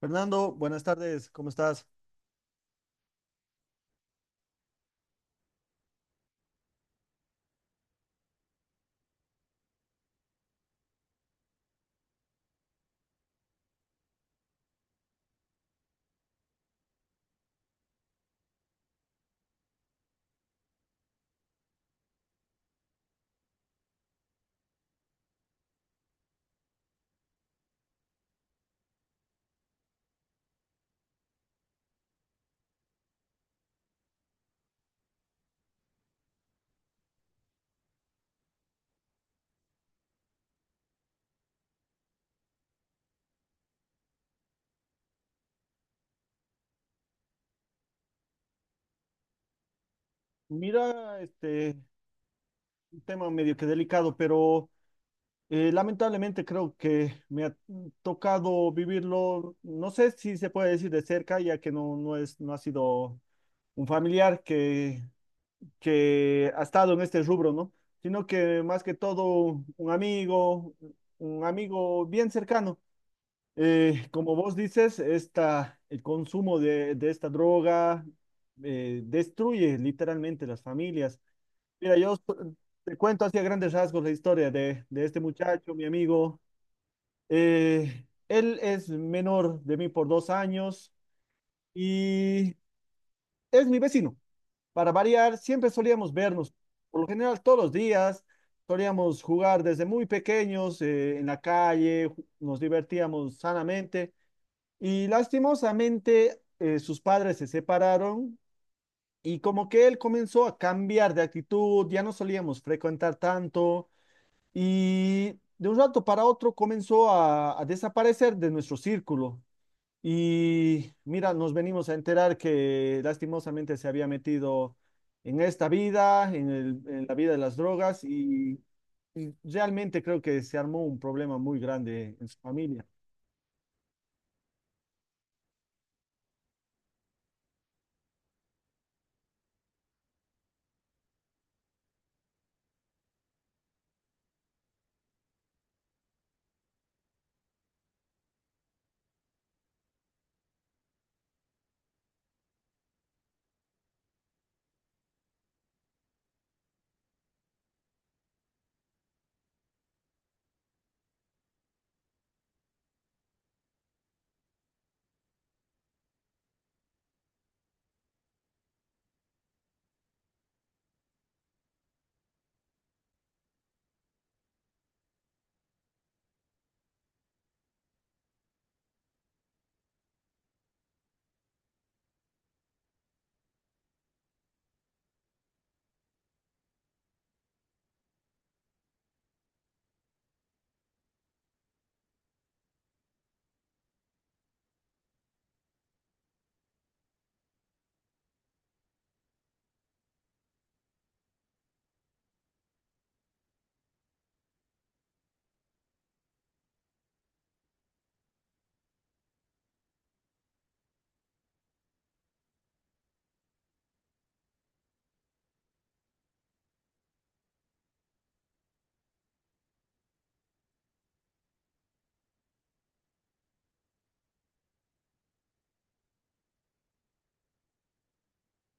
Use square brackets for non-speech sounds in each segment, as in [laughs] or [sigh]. Fernando, buenas tardes, ¿cómo estás? Mira, este un tema medio que delicado, pero lamentablemente creo que me ha tocado vivirlo, no sé si se puede decir de cerca, ya que no es, no ha sido un familiar que ha estado en este rubro, ¿no? Sino que más que todo un amigo bien cercano. Como vos dices, esta, el consumo de esta droga destruye literalmente las familias. Mira, te cuento así a grandes rasgos la historia de este muchacho, mi amigo. Él es menor de mí por 2 años y es mi vecino. Para variar, siempre solíamos vernos, por lo general todos los días. Solíamos jugar desde muy pequeños en la calle, nos divertíamos sanamente. Y lastimosamente sus padres se separaron y como que él comenzó a cambiar de actitud, ya no solíamos frecuentar tanto y de un rato para otro comenzó a desaparecer de nuestro círculo. Y mira, nos venimos a enterar que lastimosamente se había metido en esta vida, en la vida de las drogas y realmente creo que se armó un problema muy grande en su familia.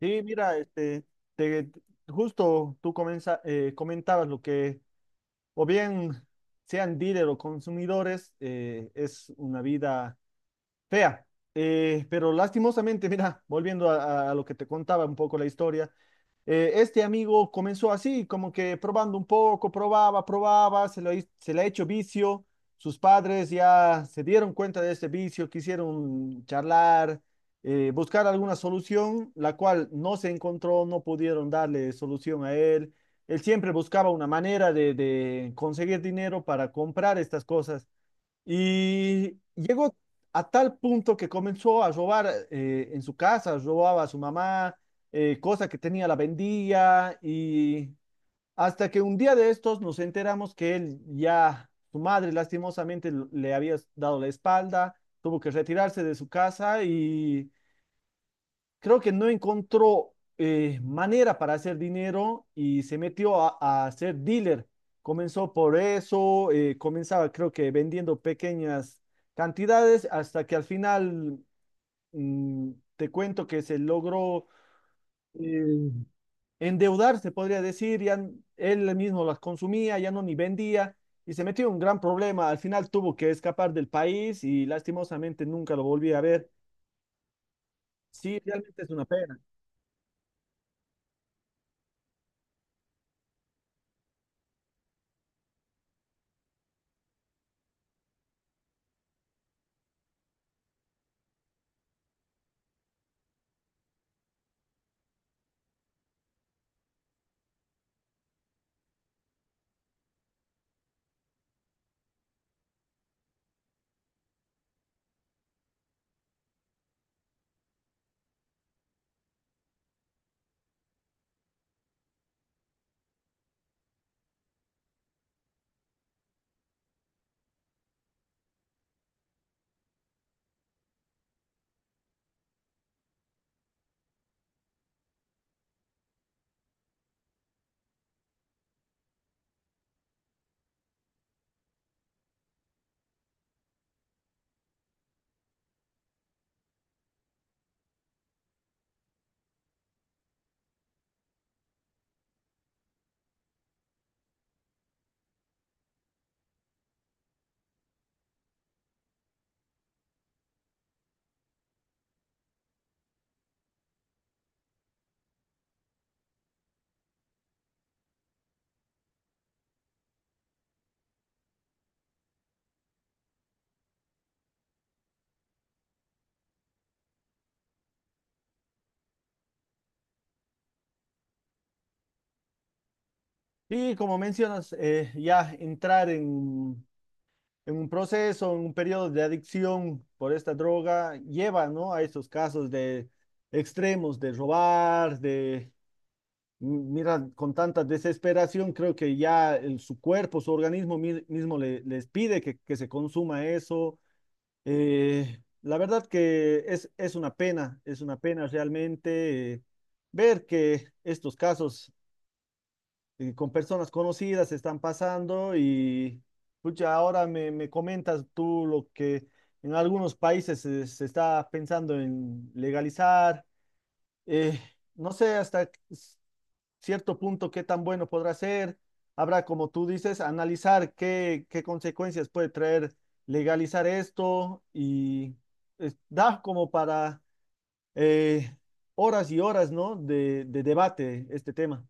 Sí, mira, este, te- justo tú comentabas lo que, o bien sean dealer o consumidores, es una vida fea. Pero lastimosamente, [laughs] mira, volviendo a lo que te contaba un poco la historia, este amigo comenzó así, como que probando un poco, probaba, se le ha hecho vicio. Sus padres ya se dieron cuenta de este vicio, quisieron charlar, buscar alguna solución, la cual no se encontró, no pudieron darle solución a él. Él siempre buscaba una manera de conseguir dinero para comprar estas cosas. Y llegó a tal punto que comenzó a robar en su casa, robaba a su mamá, cosa que tenía la vendía, y hasta que un día de estos nos enteramos que él ya, su madre lastimosamente le había dado la espalda, tuvo que retirarse de su casa y creo que no encontró manera para hacer dinero y se metió a ser dealer. Comenzó por eso, comenzaba creo que vendiendo pequeñas cantidades hasta que al final te cuento que se logró eh, endeudar, se podría decir, ya él mismo las consumía, ya no ni vendía y se metió en un gran problema. Al final tuvo que escapar del país y lastimosamente nunca lo volví a ver. Sí, realmente es una pena. Y como mencionas, ya entrar en un proceso, en un periodo de adicción por esta droga, lleva, ¿no? A estos casos de extremos, de robar, de, mira, con tanta desesperación, creo que ya su cuerpo, su organismo mismo les pide que se consuma eso. La verdad que es una pena realmente ver que estos casos con personas conocidas están pasando y pucha, ahora me comentas tú lo que en algunos países se está pensando en legalizar. eh, no sé hasta cierto punto qué tan bueno podrá ser. Habrá, como tú dices, analizar qué consecuencias puede traer legalizar esto y da como para eh, horas y horas, ¿no? De debate este tema.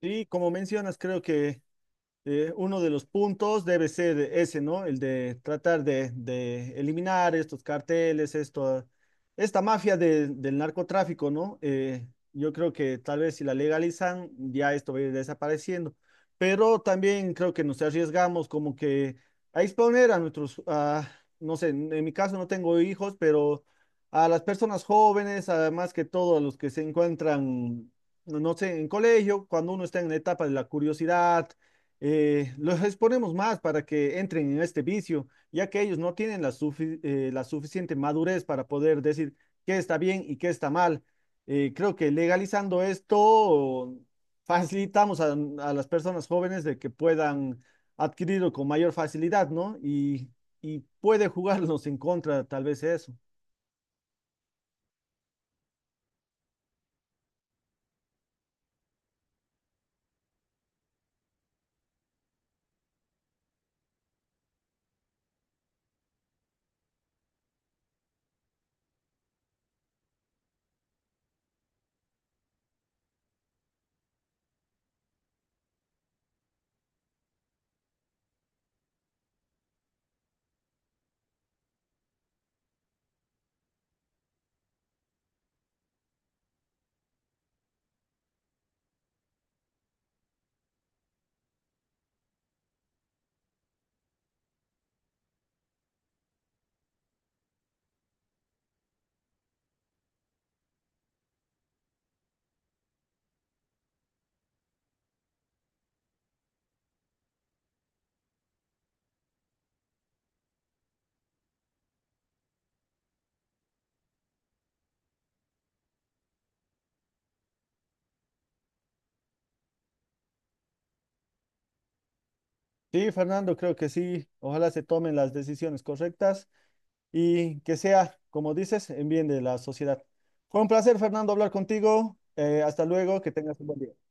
Sí, como mencionas, creo que uno de los puntos debe ser ese, ¿no? El de tratar de eliminar estos carteles, esto, esta mafia del narcotráfico, ¿no? Yo creo que tal vez si la legalizan, ya esto va a ir desapareciendo. Pero también creo que nos arriesgamos como que a exponer a nuestros, no sé, en mi caso no tengo hijos, pero a las personas jóvenes, además que todo, a los que se encuentran, no sé, en colegio, cuando uno está en la etapa de la curiosidad los exponemos más para que entren en este vicio, ya que ellos no tienen la, la suficiente madurez para poder decir qué está bien y qué está mal. Creo que legalizando esto facilitamos a las personas jóvenes de que puedan adquirirlo con mayor facilidad, ¿no? Y puede jugarnos en contra tal vez eso. Sí, Fernando, creo que sí. Ojalá se tomen las decisiones correctas y que sea, como dices, en bien de la sociedad. Fue un placer, Fernando, hablar contigo. Hasta luego, que tengas un buen día.